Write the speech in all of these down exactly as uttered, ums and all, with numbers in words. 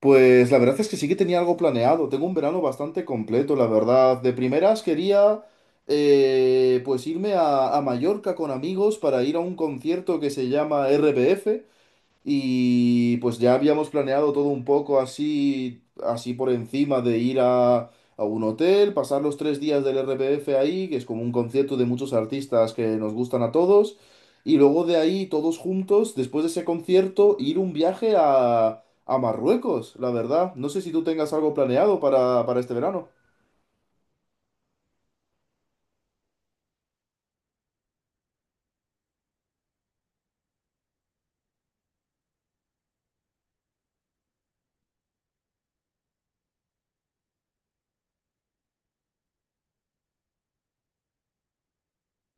Pues la verdad es que sí que tenía algo planeado. Tengo un verano bastante completo, la verdad. De primeras quería eh, pues irme a, a Mallorca con amigos para ir a un concierto que se llama R B F. Y pues ya habíamos planeado todo un poco así, así por encima de ir a, a un hotel, pasar los tres días del R P F ahí, que es como un concierto de muchos artistas que nos gustan a todos, y luego de ahí todos juntos, después de ese concierto, ir un viaje a, a, Marruecos, la verdad. No sé si tú tengas algo planeado para, para este verano.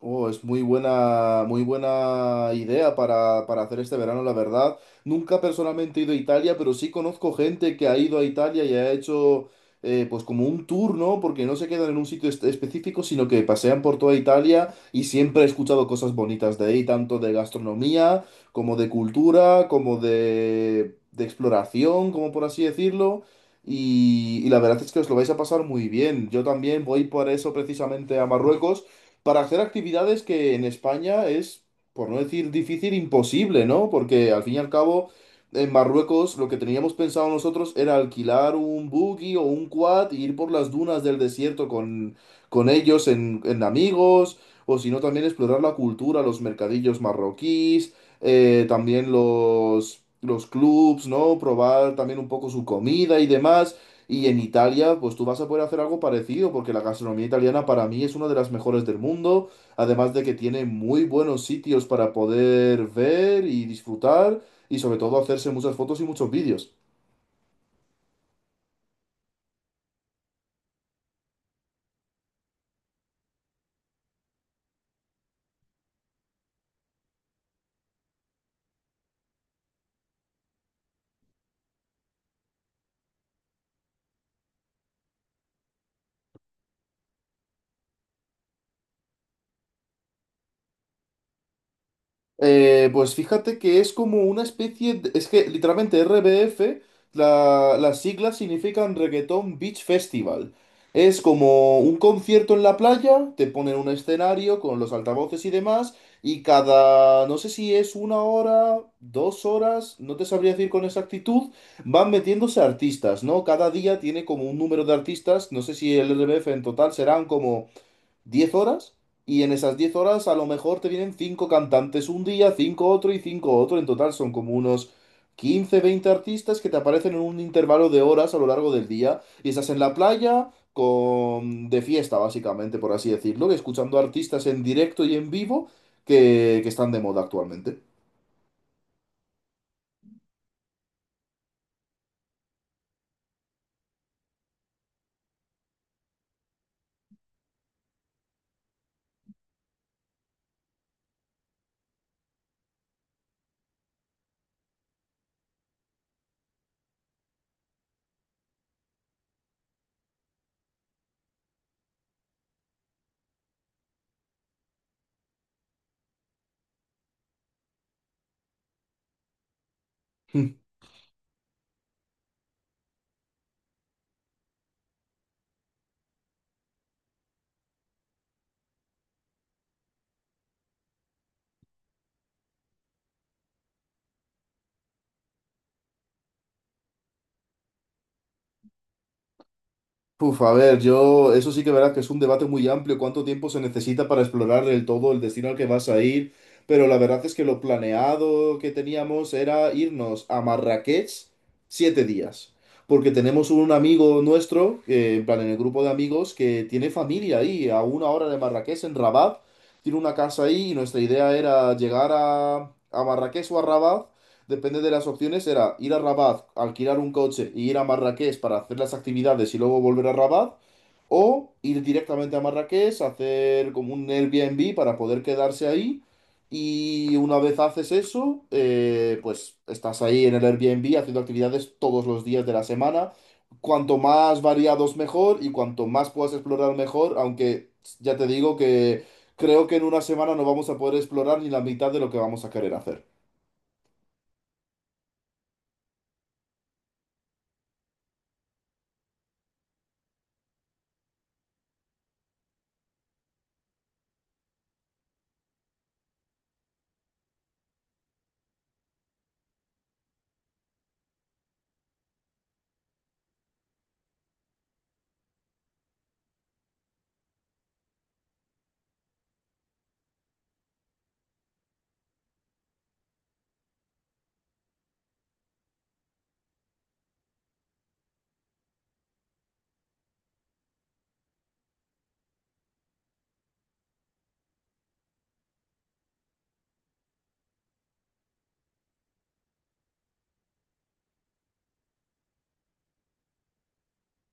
Oh, es muy buena, muy buena idea para, para hacer este verano, la verdad. Nunca personalmente he ido a Italia, pero sí conozco gente que ha ido a Italia y ha hecho eh, pues como un tour, ¿no? Porque no se quedan en un sitio es- específico, sino que pasean por toda Italia y siempre he escuchado cosas bonitas de ahí, tanto de gastronomía, como de cultura, como de, de exploración, como por así decirlo. Y, y la verdad es que os lo vais a pasar muy bien. Yo también voy por eso precisamente a Marruecos para hacer actividades que en España es, por no decir difícil, imposible, ¿no? Porque al fin y al cabo, en Marruecos lo que teníamos pensado nosotros era alquilar un buggy o un quad e ir por las dunas del desierto con, con, ellos en, en amigos, o si no también explorar la cultura, los mercadillos marroquíes, eh, también los... los clubs, ¿no? Probar también un poco su comida y demás. Y en Italia, pues tú vas a poder hacer algo parecido, porque la gastronomía italiana para mí es una de las mejores del mundo, además de que tiene muy buenos sitios para poder ver y disfrutar, y sobre todo hacerse muchas fotos y muchos vídeos. Eh, pues fíjate que es como una especie de- es que literalmente R B F, la- las siglas significan Reggaeton Beach Festival. Es como un concierto en la playa, te ponen un escenario con los altavoces y demás, y cada, no sé si es una hora, dos horas, no te sabría decir con exactitud, van metiéndose artistas, ¿no? Cada día tiene como un número de artistas, no sé si el R B F en total serán como diez horas y en esas diez horas a lo mejor te vienen cinco cantantes un día, cinco otro y cinco otro. En total son como unos quince veinte artistas que te aparecen en un intervalo de horas a lo largo del día y estás en la playa con de fiesta básicamente, por así decirlo, escuchando artistas en directo y en vivo que, que, están de moda actualmente. Uf, a ver, yo, eso sí que verás que es un debate muy amplio, cuánto tiempo se necesita para explorar del todo el destino al que vas a ir, pero la verdad es que lo planeado que teníamos era irnos a Marrakech siete días, porque tenemos un amigo nuestro, que, en plan, en el grupo de amigos, que tiene familia ahí, a una hora de Marrakech, en Rabat, tiene una casa ahí, y nuestra idea era llegar a, a Marrakech o a Rabat depende de las opciones, era ir a Rabat, alquilar un coche y ir a Marrakech para hacer las actividades y luego volver a Rabat, o ir directamente a Marrakech, hacer como un Airbnb para poder quedarse ahí. Y una vez haces eso, eh, pues estás ahí en el Airbnb haciendo actividades todos los días de la semana. Cuanto más variados mejor y cuanto más puedas explorar mejor, aunque ya te digo que creo que en una semana no vamos a poder explorar ni la mitad de lo que vamos a querer hacer.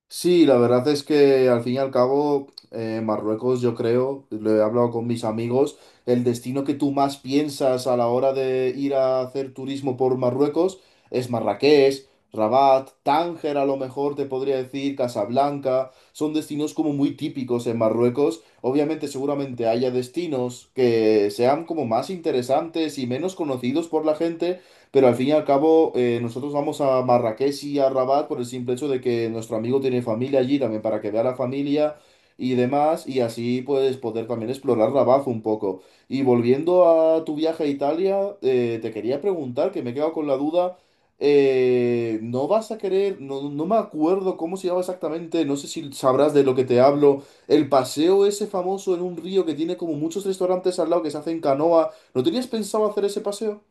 Sí, la verdad es que al fin y al cabo, eh, Marruecos, yo creo, lo he hablado con mis amigos, el destino que tú más piensas a la hora de ir a hacer turismo por Marruecos es Marrakech, Rabat, Tánger a lo mejor te podría decir, Casablanca, son destinos como muy típicos en Marruecos. Obviamente, seguramente haya destinos que sean como más interesantes y menos conocidos por la gente, pero al fin y al cabo, eh, nosotros vamos a Marrakech y a Rabat por el simple hecho de que nuestro amigo tiene familia allí también para que vea la familia y demás, y así pues poder también explorar Rabat un poco. Y volviendo a tu viaje a Italia, eh, te quería preguntar, que me he quedado con la duda, eh, ¿no vas a querer, no, no me acuerdo cómo se llama exactamente, no sé si sabrás de lo que te hablo, el paseo ese famoso en un río que tiene como muchos restaurantes al lado que se hace en canoa, ¿no tenías pensado hacer ese paseo?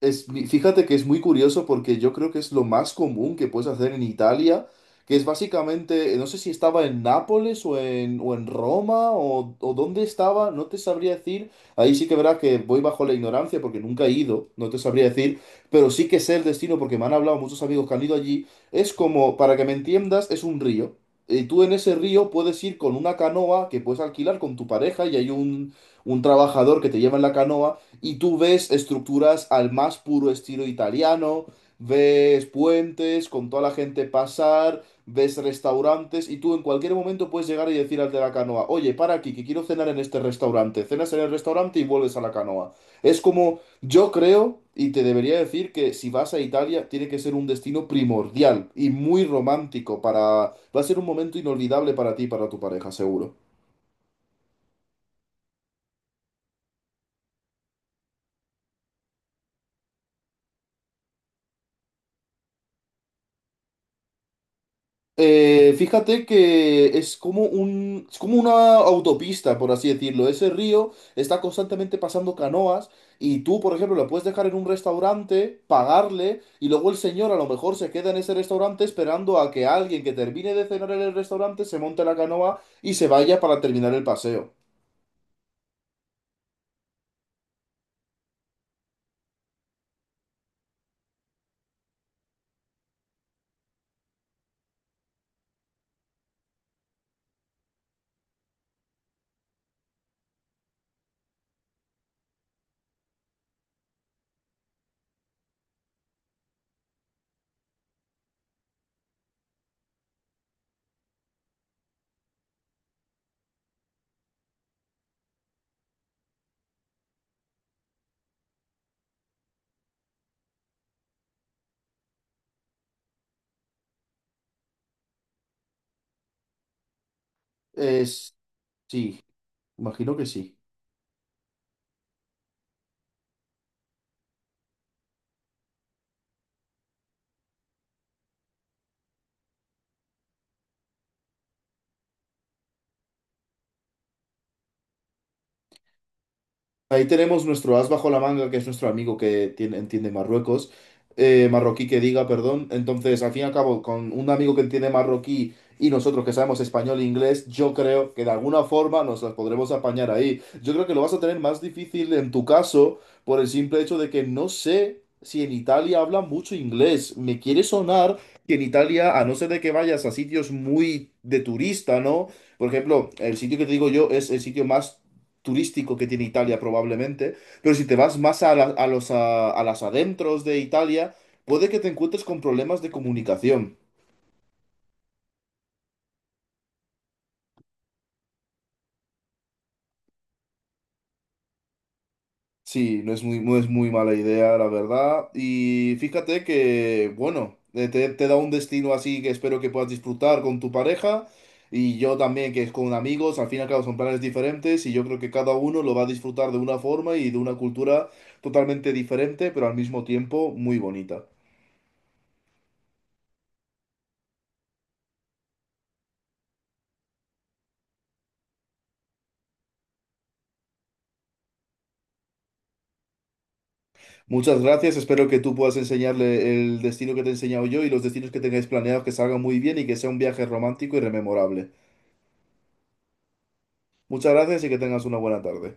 Es, mi- fíjate que es muy curioso porque yo creo que es lo más común que puedes hacer en Italia, que es básicamente, eh, no sé si estaba en Nápoles o en, o en Roma o, o dónde estaba, no te sabría decir. Ahí sí que verás que voy bajo la ignorancia porque nunca he ido, no te sabría decir, pero sí que sé el destino porque me han hablado muchos amigos que han ido allí. Es como, para que me entiendas, es un río. Y tú en ese río puedes ir con una canoa que puedes alquilar con tu pareja y hay un, un, trabajador que te lleva en la canoa y tú ves estructuras al más puro estilo italiano, ves puentes con toda la gente pasar, ves restaurantes y tú en cualquier momento puedes llegar y decir al de la canoa, oye, para aquí, que quiero cenar en este restaurante, cenas en el restaurante y vuelves a la canoa. Es como, yo creo, y te debería decir que si vas a Italia, tiene que ser un destino primordial y muy romántico para... Va a ser un momento inolvidable para ti y para tu pareja, seguro. Eh, fíjate que es como un, es como una autopista, por así decirlo. Ese río está constantemente pasando canoas y tú, por ejemplo, lo puedes dejar en un restaurante, pagarle y luego el señor a lo mejor se queda en ese restaurante esperando a que alguien que termine de cenar en el restaurante se monte la canoa y se vaya para terminar el paseo. Es, sí, imagino que sí. Ahí tenemos nuestro as bajo la manga, que es nuestro amigo que tiene- entiende Marruecos, eh, marroquí que diga, perdón. Entonces, al fin y al cabo, con un amigo que entiende marroquí y nosotros que sabemos español e inglés, yo creo que de alguna forma nos las podremos apañar ahí. Yo creo que lo vas a tener más difícil en tu caso por el simple hecho de que no sé si en Italia hablan mucho inglés. Me quiere sonar que en Italia, a no ser de que vayas a sitios muy de turista, ¿no? Por ejemplo, el sitio que te digo yo es el sitio más turístico que tiene Italia probablemente, pero si te vas más a, la- a los, a, a las adentros de Italia, puede que te encuentres con problemas de comunicación. Sí, no es muy, no es muy mala idea, la verdad. Y fíjate que, bueno, eh, te, te da un destino así que espero que puedas disfrutar con tu pareja y yo también, que es con amigos, al fin y al cabo son planes diferentes y yo creo que cada uno lo va a disfrutar de una forma y de una cultura totalmente diferente, pero al mismo tiempo muy bonita. Muchas gracias, espero que tú puedas enseñarle el destino que te he enseñado yo y los destinos que tengáis planeados que salgan muy bien y que sea un viaje romántico y rememorable. Muchas gracias y que tengas una buena tarde.